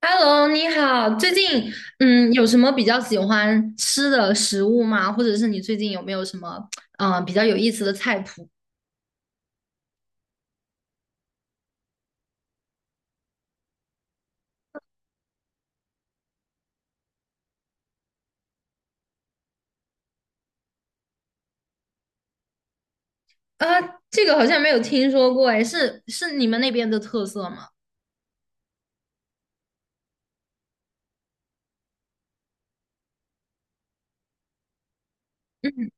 Hello，你好，最近有什么比较喜欢吃的食物吗？或者是你最近有没有什么比较有意思的菜谱？啊，这个好像没有听说过，哎，是你们那边的特色吗？嗯，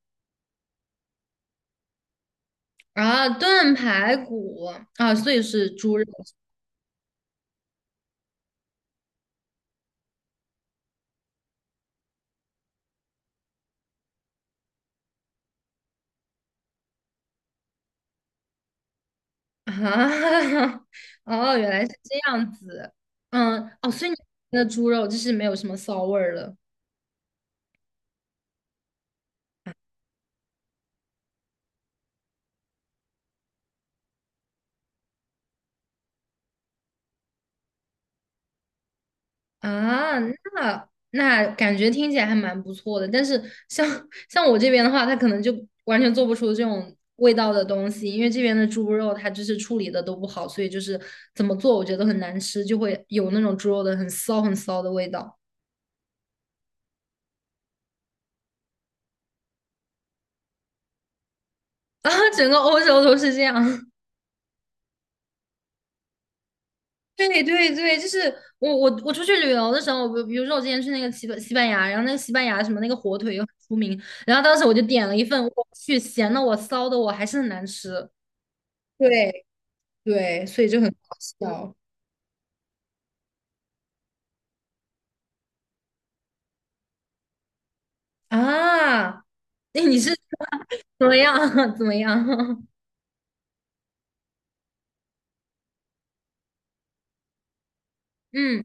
啊，炖排骨啊，所以是猪肉啊，哦，原来是这样子，嗯，哦，所以你们的猪肉就是没有什么骚味儿了。啊，那感觉听起来还蛮不错的，但是像 像我这边的话，它可能就完全做不出这种味道的东西，因为这边的猪肉它就是处理的都不好，所以就是怎么做我觉得很难吃，就会有那种猪肉的很骚很骚的味道 啊，整个欧洲都是这样。对对对，就是我出去旅游的时候，比如说我之前去那个西班牙，然后那个西班牙什么那个火腿又很出名，然后当时我就点了一份，我去咸的我骚的我还是很难吃。对对，所以就很搞笑啊！那你是怎么样？怎么样？嗯，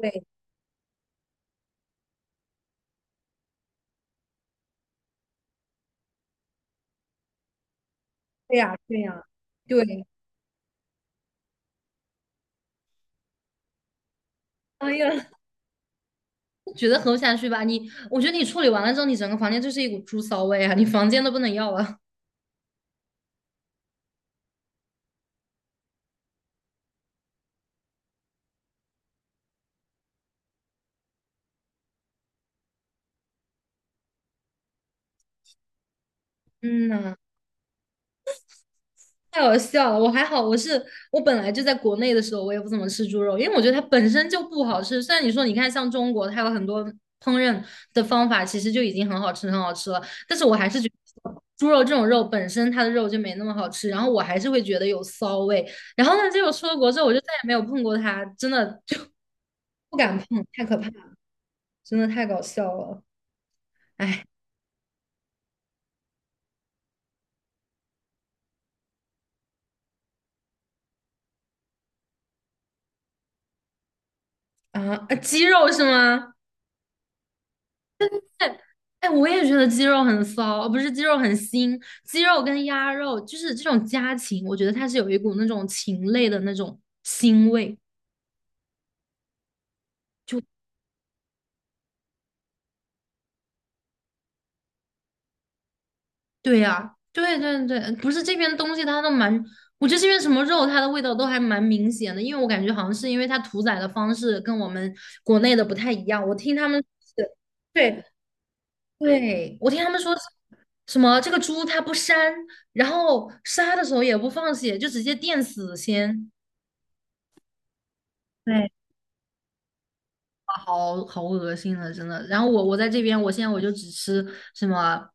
对，对呀，对呀，对。哎呀，觉得喝不下去吧？我觉得你处理完了之后，你整个房间就是一股猪骚味啊！你房间都不能要了。嗯呐。太好笑了，我还好，我本来就在国内的时候，我也不怎么吃猪肉，因为我觉得它本身就不好吃。虽然你说你看像中国，它有很多烹饪的方法，其实就已经很好吃很好吃了，但是我还是觉得猪肉这种肉本身它的肉就没那么好吃，然后我还是会觉得有骚味。然后呢，结果出了国之后，我就再也没有碰过它，真的就不敢碰，太可怕了真的太搞笑了啊！啊鸡肉是吗？哎，我也觉得鸡肉很骚，哦不是鸡肉很腥，鸡肉跟鸭肉就是这种家禽，我觉得它是有一股那种禽类的那种腥味。就对呀、对对对，不是这边东西它都蛮，我觉得这边什么肉它的味道都还蛮明显的，因为我感觉好像是因为它屠宰的方式跟我们国内的不太一样。我听他们是对对，我听他们说什么这个猪它不膻，然后杀的时候也不放血，就直接电死先。对。好好恶心了，真的。然后我在这边，什么，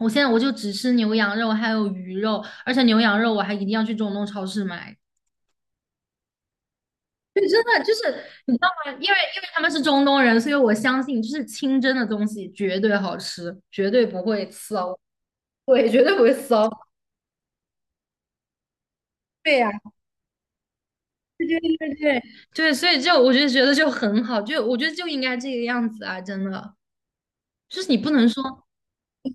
我现在我就只吃牛羊肉还有鱼肉，而且牛羊肉我还一定要去中东超市买。对，真的就是你知道吗？因为他们是中东人，所以我相信就是清真的东西绝对好吃，绝对不会骚，对，绝对不会骚。对呀、对对对对对，所以就我就觉得就很好，就我觉得就应该这个样子啊，真的，就是你不能说。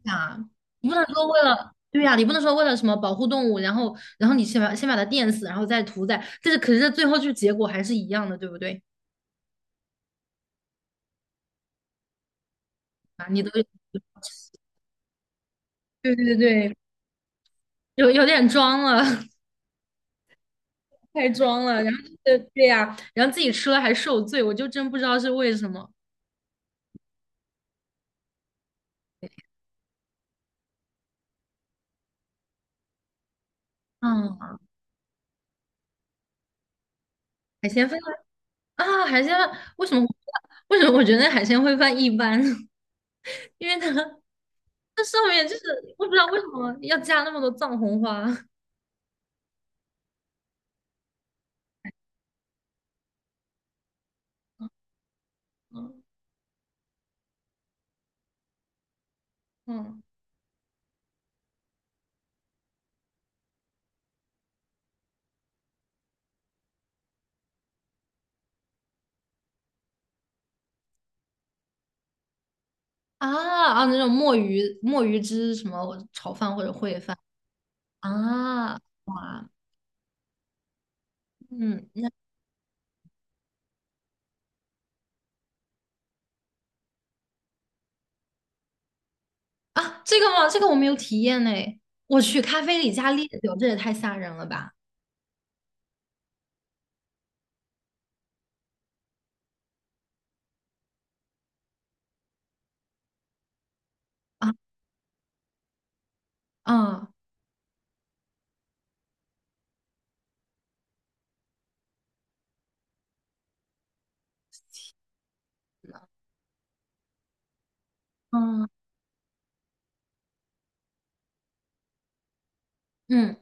啊，你不能说为了，对呀、你不能说为了什么保护动物，然后你先把它电死，然后再屠宰，但是最后就结果还是一样的，对不对？啊，你都对对对，对，有点装了，太装了，然后对对呀、然后自己吃了还受罪，我就真不知道是为什么。嗯，海鲜饭啊，海鲜饭为什么我为什么我觉得海鲜烩饭一般？因为它上面就是我不知道为什么要加那么多藏红花。嗯嗯。啊啊，那种墨鱼汁什么炒饭或者烩饭啊，哇，嗯，那啊，这个吗？这个我没有体验呢。我去咖啡里加烈酒，这也太吓人了吧！啊啊啊嗯，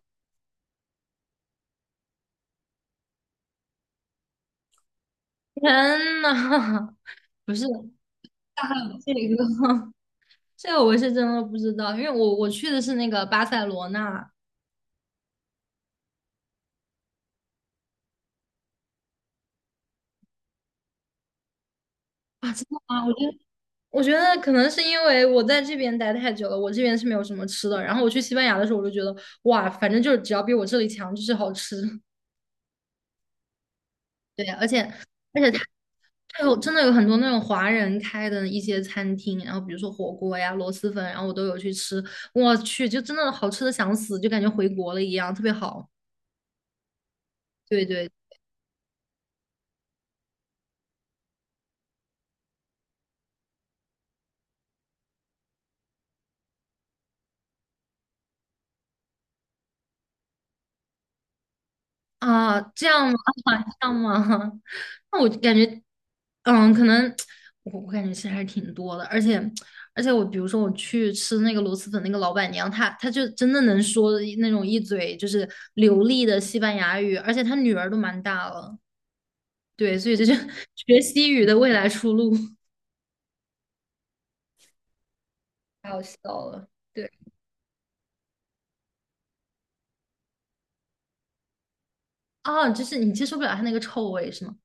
天呐，不是，啊这个 这个我是真的不知道，因为我去的是那个巴塞罗那啊，真的吗？我觉得可能是因为我在这边待太久了，我这边是没有什么吃的。然后我去西班牙的时候，我就觉得哇，反正就是只要比我这里强，就是好吃。对，而且而且它它真的有很多那种华人开的一些餐厅，然后比如说火锅呀、螺蛳粉，然后我都有去吃。我去，就真的好吃的想死，就感觉回国了一样，特别好。对对啊，这样吗？啊，这样吗？那我感觉，嗯，可能我感觉其实还是挺多的，而且我比如说我去吃那个螺蛳粉，那个老板娘她就真的能说那种一嘴就是流利的西班牙语，而且她女儿都蛮大了，对，所以这就是 学西语的未来出路，太好笑了。对，哦，就是你接受不了她那个臭味是吗？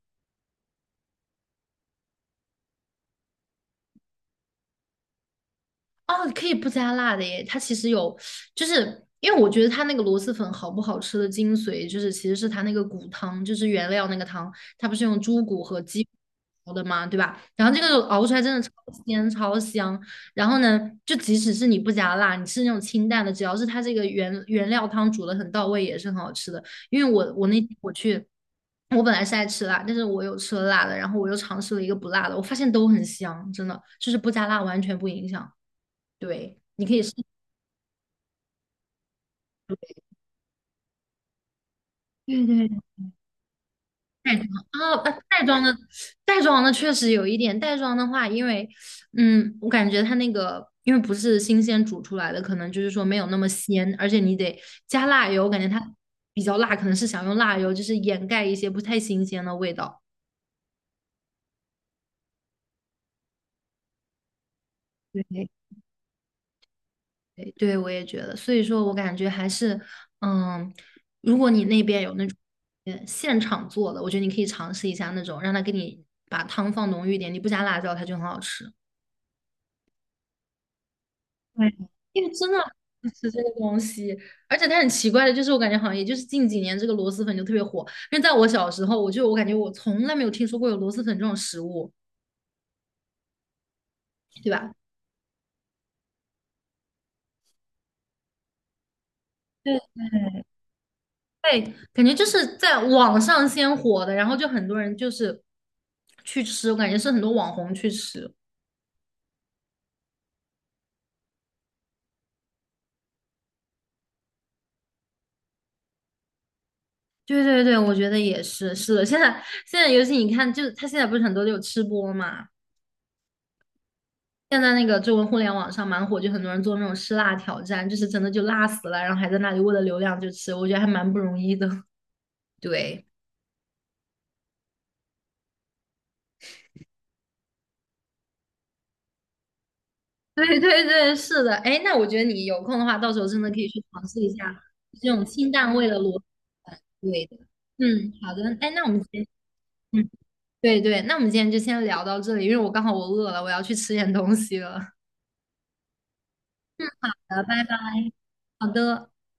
哦，可以不加辣的耶。它其实有，就是因为我觉得它那个螺蛳粉好不好吃的精髓，就是其实是它那个骨汤，就是原料那个汤，它不是用猪骨和鸡熬的嘛，对吧？然后这个熬出来真的超鲜超香。然后呢，就即使是你不加辣，你吃那种清淡的，只要是它这个原料汤煮的很到位，也是很好吃的。因为我那天我去。我本来是爱吃辣，但是我有吃了辣的，然后我又尝试了一个不辣的，我发现都很香，真的，就是不加辣完全不影响。对，你可以试对对对，带妆啊，袋装的袋装的确实有一点，袋装的话，因为我感觉它那个因为不是新鲜煮出来的，可能就是说没有那么鲜，而且你得加辣油，我感觉它比较辣，可能是想用辣油就是掩盖一些不太新鲜的味道。对对，对我也觉得，所以说我感觉还是，嗯，如果你那边有那种现场做的，我觉得你可以尝试一下那种，让他给你把汤放浓郁一点，你不加辣椒，它就很好吃。对，因为真的很吃这个东西，而且它很奇怪的，就是我感觉好像也就是近几年这个螺蛳粉就特别火，因为在我小时候，我感觉我从来没有听说过有螺蛳粉这种食物，对吧？对，对，感觉就是在网上先火的，然后就很多人就是去吃，我感觉是很多网红去吃。对对对，我觉得也是，是的。现在，尤其你看，就是他现在不是很多都有吃播嘛，现在那个中文互联网上蛮火，就很多人做那种吃辣挑战，就是真的就辣死了，然后还在那里为了流量就吃，我觉得还蛮不容易的。对，对对对，是的，哎，那我觉得你有空的话，到时候真的可以去尝试一下这种清淡味的螺蛳粉。对的。嗯，好的，哎，那我们今天，嗯，对对，那我们今天就先聊到这里，因为我刚好饿了，我要去吃点东西了。好的，拜拜。好的。